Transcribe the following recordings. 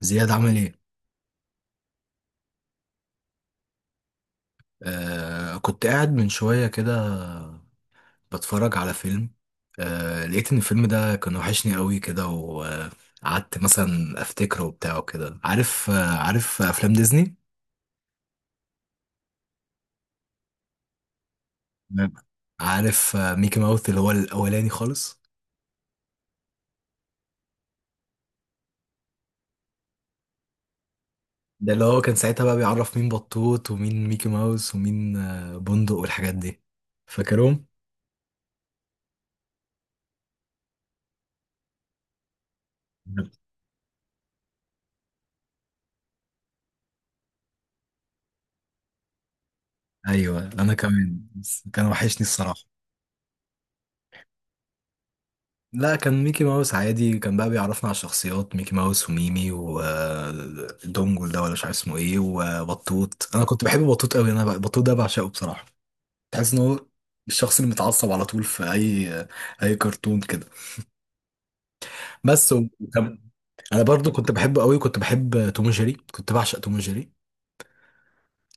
زياد عمل ايه؟ كنت قاعد من شوية كده، بتفرج على فيلم. لقيت ان الفيلم ده كان وحشني قوي كده، وقعدت مثلا افتكره وبتاع، وكده عارف افلام ديزني. نعم. عارف ميكي ماوث اللي هو الاولاني خالص. ده اللي هو كان ساعتها بقى بيعرف مين بطوط ومين ميكي ماوس ومين بندق والحاجات دي، فاكرهم. نعم. ايوه، انا كمان، بس كان وحشني الصراحة. لا، كان ميكي ماوس عادي، كان بقى بيعرفنا على الشخصيات، ميكي ماوس وميمي ودونجل ده، ولا مش عارف اسمه ايه، وبطوط، انا كنت بحب بطوط قوي، بطوط ده بعشقه بصراحه. تحس ان هو الشخص اللي متعصب على طول في اي كرتون كده. بس وكان، انا برضو كنت بحبه قوي، كنت بحب توم وجيري، كنت بعشق توم وجيري.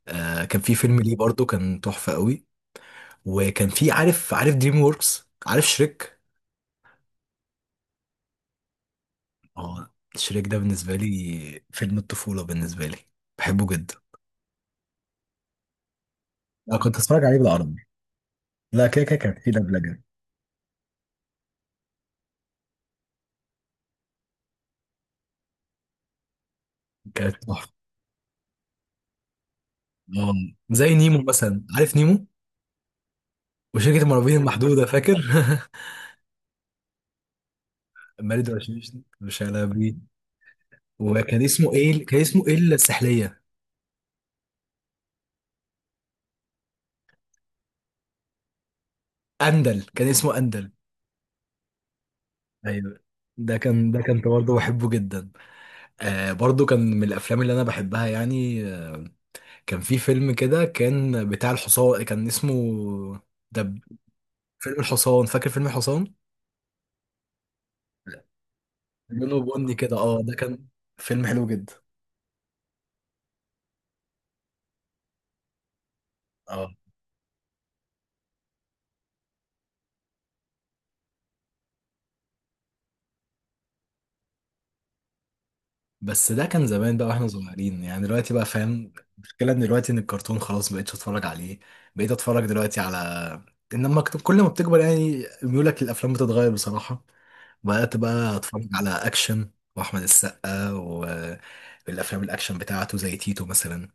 آه كان في فيلم ليه برضو كان تحفه قوي. وكان في، عارف دريم ووركس، عارف شريك. اه، شريك ده بالنسبه لي فيلم الطفوله بالنسبه لي، بحبه جدا. أنا كنت أتفرج عليه بالعربي. لا، كده كده كانت فيه دبلجة، كانت تحفة، آه، زي نيمو مثلا، عارف نيمو، وشركة المرعبين المحدودة، فاكر؟ المريض والشرير، وشلبي. وكان اسمه ايه، السحلية؟ أندل، كان اسمه أندل. أيوه، ده كنت برضه بحبه جدا، آه برضه كان من الأفلام اللي أنا بحبها يعني. كان في فيلم كده كان بتاع الحصان، كان اسمه ده، فيلم الحصان، فاكر فيلم الحصان؟ لونه بني كده، اه ده كان فيلم حلو جدا. اه، بس ده كان زمان بقى واحنا صغيرين يعني، دلوقتي بقى فاهم المشكله ان دلوقتي ان الكرتون خلاص مبقتش اتفرج عليه، بقيت اتفرج دلوقتي على، انما كل ما بتكبر يعني ميولك للافلام بتتغير بصراحه، بقيت بقى اتفرج على اكشن، واحمد السقا والافلام الاكشن بتاعته زي تيتو مثلا.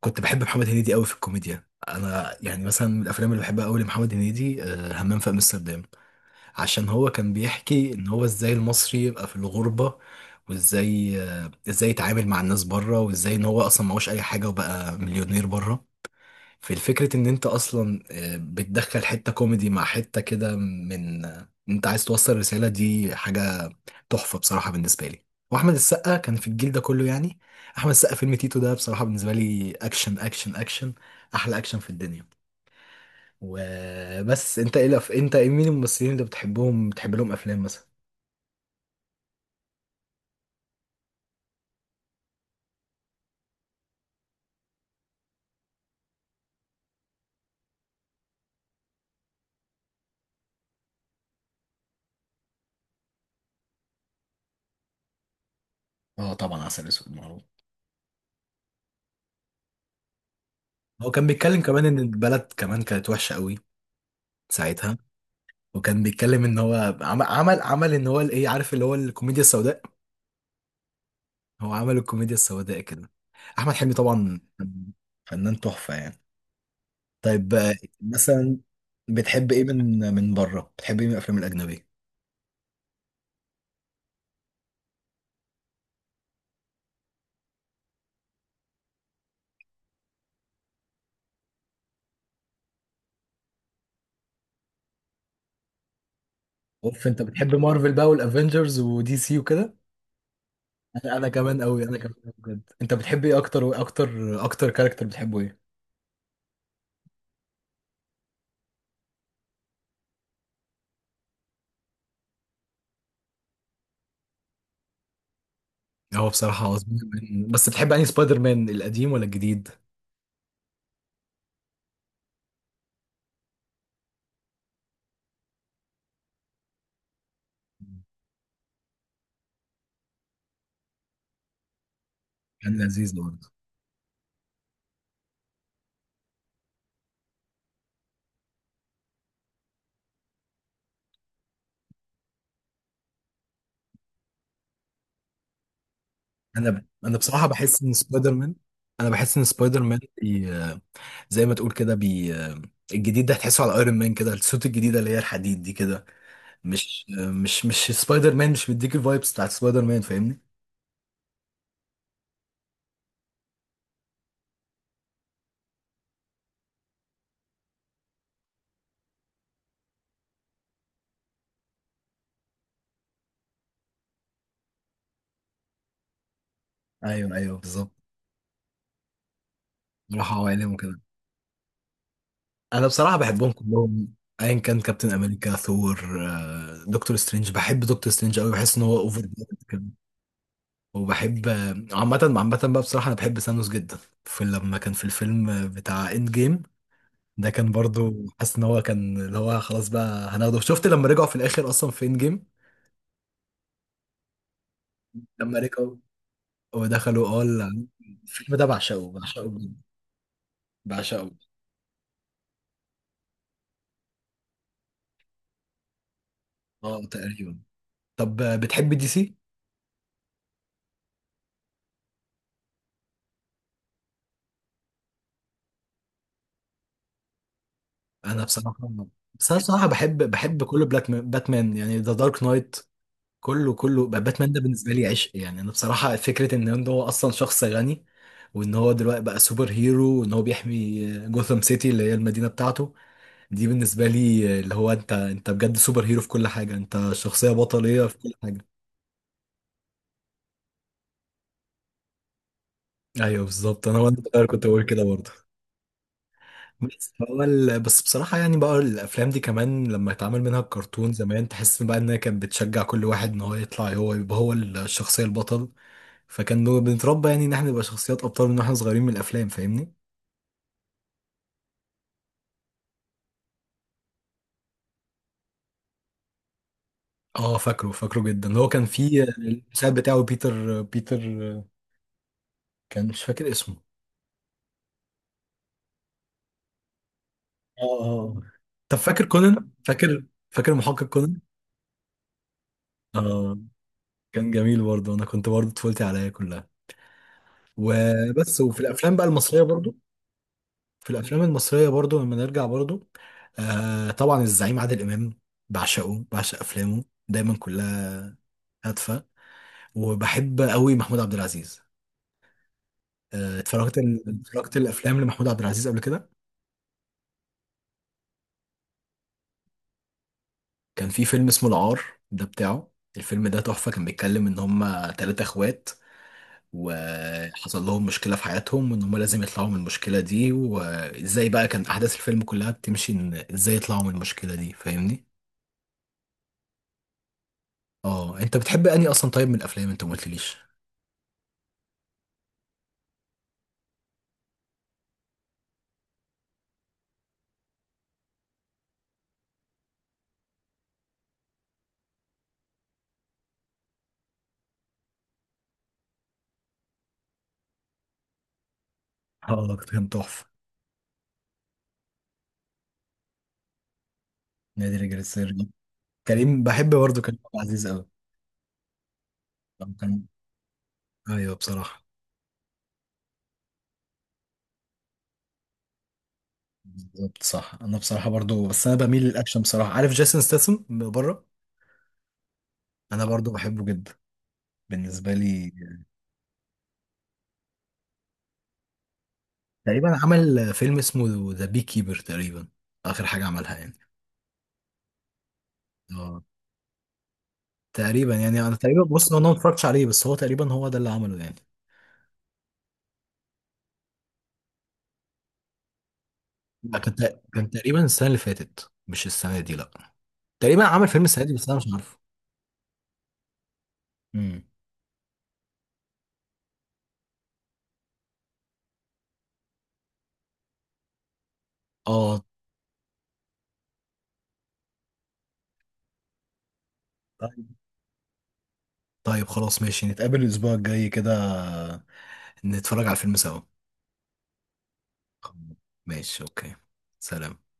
كنت بحب محمد هنيدي قوي في الكوميديا، انا يعني مثلا من الافلام اللي بحبها قوي لمحمد هنيدي، همام في امستردام، عشان هو كان بيحكي ان هو ازاي المصري يبقى في الغربة، وازاي آه، ازاي يتعامل مع الناس بره، وازاي ان هو اصلا معهوش اي حاجة وبقى مليونير بره. فالفكرة ان انت اصلا بتدخل حتة كوميدي مع حتة كده، من آه، انت عايز توصل رسالة، دي حاجة تحفة بصراحة بالنسبة لي. واحمد السقا كان في الجيل ده كله يعني، احمد السقا فيلم تيتو ده بصراحة بالنسبة لي اكشن اكشن اكشن، احلى اكشن في الدنيا. وبس، انت ايه الأف- انت إيه- مين الممثلين اللي بتحبهم، بتحب لهم افلام مثلا؟ اه طبعا، عسل اسود معروف. هو كان بيتكلم كمان ان البلد كمان كانت وحشه قوي ساعتها، وكان بيتكلم ان هو عمل ان هو الايه، عارف اللي هو الكوميديا السوداء، هو عمل الكوميديا السوداء كده، احمد حلمي طبعا فنان تحفة يعني. طيب، مثلا بتحب ايه من بره، بتحب ايه من الافلام الاجنبيه؟ اوف، انت بتحب مارفل بقى والافنجرز ودي سي وكده، أنا كمان قوي، انا كمان أوي بجد. انت بتحب ايه اكتر، واكتر اكتر كاركتر بتحبه ايه؟ هو بصراحة هو سبايدر مان، بس بتحب أنهي سبايدر مان، القديم ولا الجديد؟ كان لذيذ برضه. أنا بصراحة بحس إن سبايدر مان، أنا بحس إن سبايدر مان، بي... آه، زي ما تقول كده، بي... آه، الجديد ده هتحسه على ايرون مان كده، السوت الجديدة اللي هي الحديد دي كده، مش سبايدر مان، مش مديك الفايبس بتاعت سبايدر مان، فاهمني؟ أيوه، أيوه، بالظبط. بصراحة هو عالم وكده، أنا بصراحة بحبهم كلهم، ايا كان كابتن امريكا، ثور، دكتور سترينج، بحب دكتور سترينج قوي، بحس ان هو اوفر، وبحب، عامة عامة بقى بصراحة أنا بحب سانوس جدا، في لما كان في الفيلم بتاع إند جيم، ده كان برضو حاسس إن هو كان اللي هو خلاص بقى هناخده، شفت لما رجعوا في الآخر أصلا في إند جيم، لما رجعوا ودخلوا، الفيلم ده بعشقه بعشقه بجد، بعشقه، اه تقريبا. طب، بتحب دي سي؟ أنا بصراحة بس أنا بصراحة بحب كل بلاك مان، باتمان يعني ذا دارك نايت، كله كله بقى، باتمان ده بالنسبه لي عشق، يعني انا بصراحه فكره ان إن هو اصلا شخص غني، وان هو دلوقتي بقى سوبر هيرو، وان هو بيحمي جوثام سيتي اللي هي المدينه بتاعته، دي بالنسبه لي، اللي هو انت بجد سوبر هيرو في كل حاجه، انت شخصيه بطليه في كل حاجه. ايوه بالظبط، انا وانا صغير كنت بقول كده برضه. بس بصراحة يعني بقى الأفلام دي كمان لما اتعمل منها الكرتون زمان، تحس بقى إنها كانت بتشجع كل واحد إن هو يطلع هو يبقى هو الشخصية البطل، فكان بنتربى يعني ان احنا نبقى شخصيات ابطال من واحنا صغيرين من الافلام، فاهمني؟ اه، فاكره فاكره جدا، هو كان في المساعد بتاعه بيتر، كان مش فاكر اسمه. اه، اه. طب فاكر كونان، فاكر محقق كونان؟ اه كان جميل برضه، انا كنت برضه طفولتي عليا كلها، وبس، وفي الافلام بقى المصريه برضه، في الافلام المصريه برضه لما نرجع برضه، آه طبعا، الزعيم عادل امام، بعشقه، بعشق افلامه دايما كلها، هادفه، وبحب قوي محمود عبد العزيز، اتفرجت اتفرجت الافلام لمحمود عبد العزيز قبل كده؟ كان في فيلم اسمه العار، ده بتاعه، الفيلم ده تحفة، كان بيتكلم ان هما تلاتة اخوات، وحصل لهم مشكلة في حياتهم، وان هما لازم يطلعوا من المشكلة دي، وازاي بقى كان احداث الفيلم كلها بتمشي ان ازاي يطلعوا من المشكلة دي، فاهمني؟ اه انت بتحب انهي اصلا؟ طيب، من الافلام انت ما قلتليش. اه كان تحفة. نادي رجال السري. كريم، بحب برضه كريم عبد العزيز قوي، كان، ايوه بصراحة، بالظبط صح، انا بصراحه برضو، بس انا بميل للاكشن بصراحه، عارف جيسون ستاثام من بره؟ انا برضو بحبه جدا، بالنسبه لي. تقريبا عمل فيلم اسمه ذا بي كيبر، تقريبا اخر حاجه عملها يعني. اه تقريبا يعني، انا تقريبا بص، انا ما اتفرجتش عليه بس هو تقريبا هو ده اللي عمله يعني. لا، كان تقريبا السنه اللي فاتت مش السنه دي، لا، تقريبا عمل فيلم السنه دي بس انا مش عارفه. امم. اه. طيب، طيب خلاص ماشي، نتقابل الاسبوع الجاي كده، نتفرج على الفيلم سوا، ماشي، اوكي. سلام.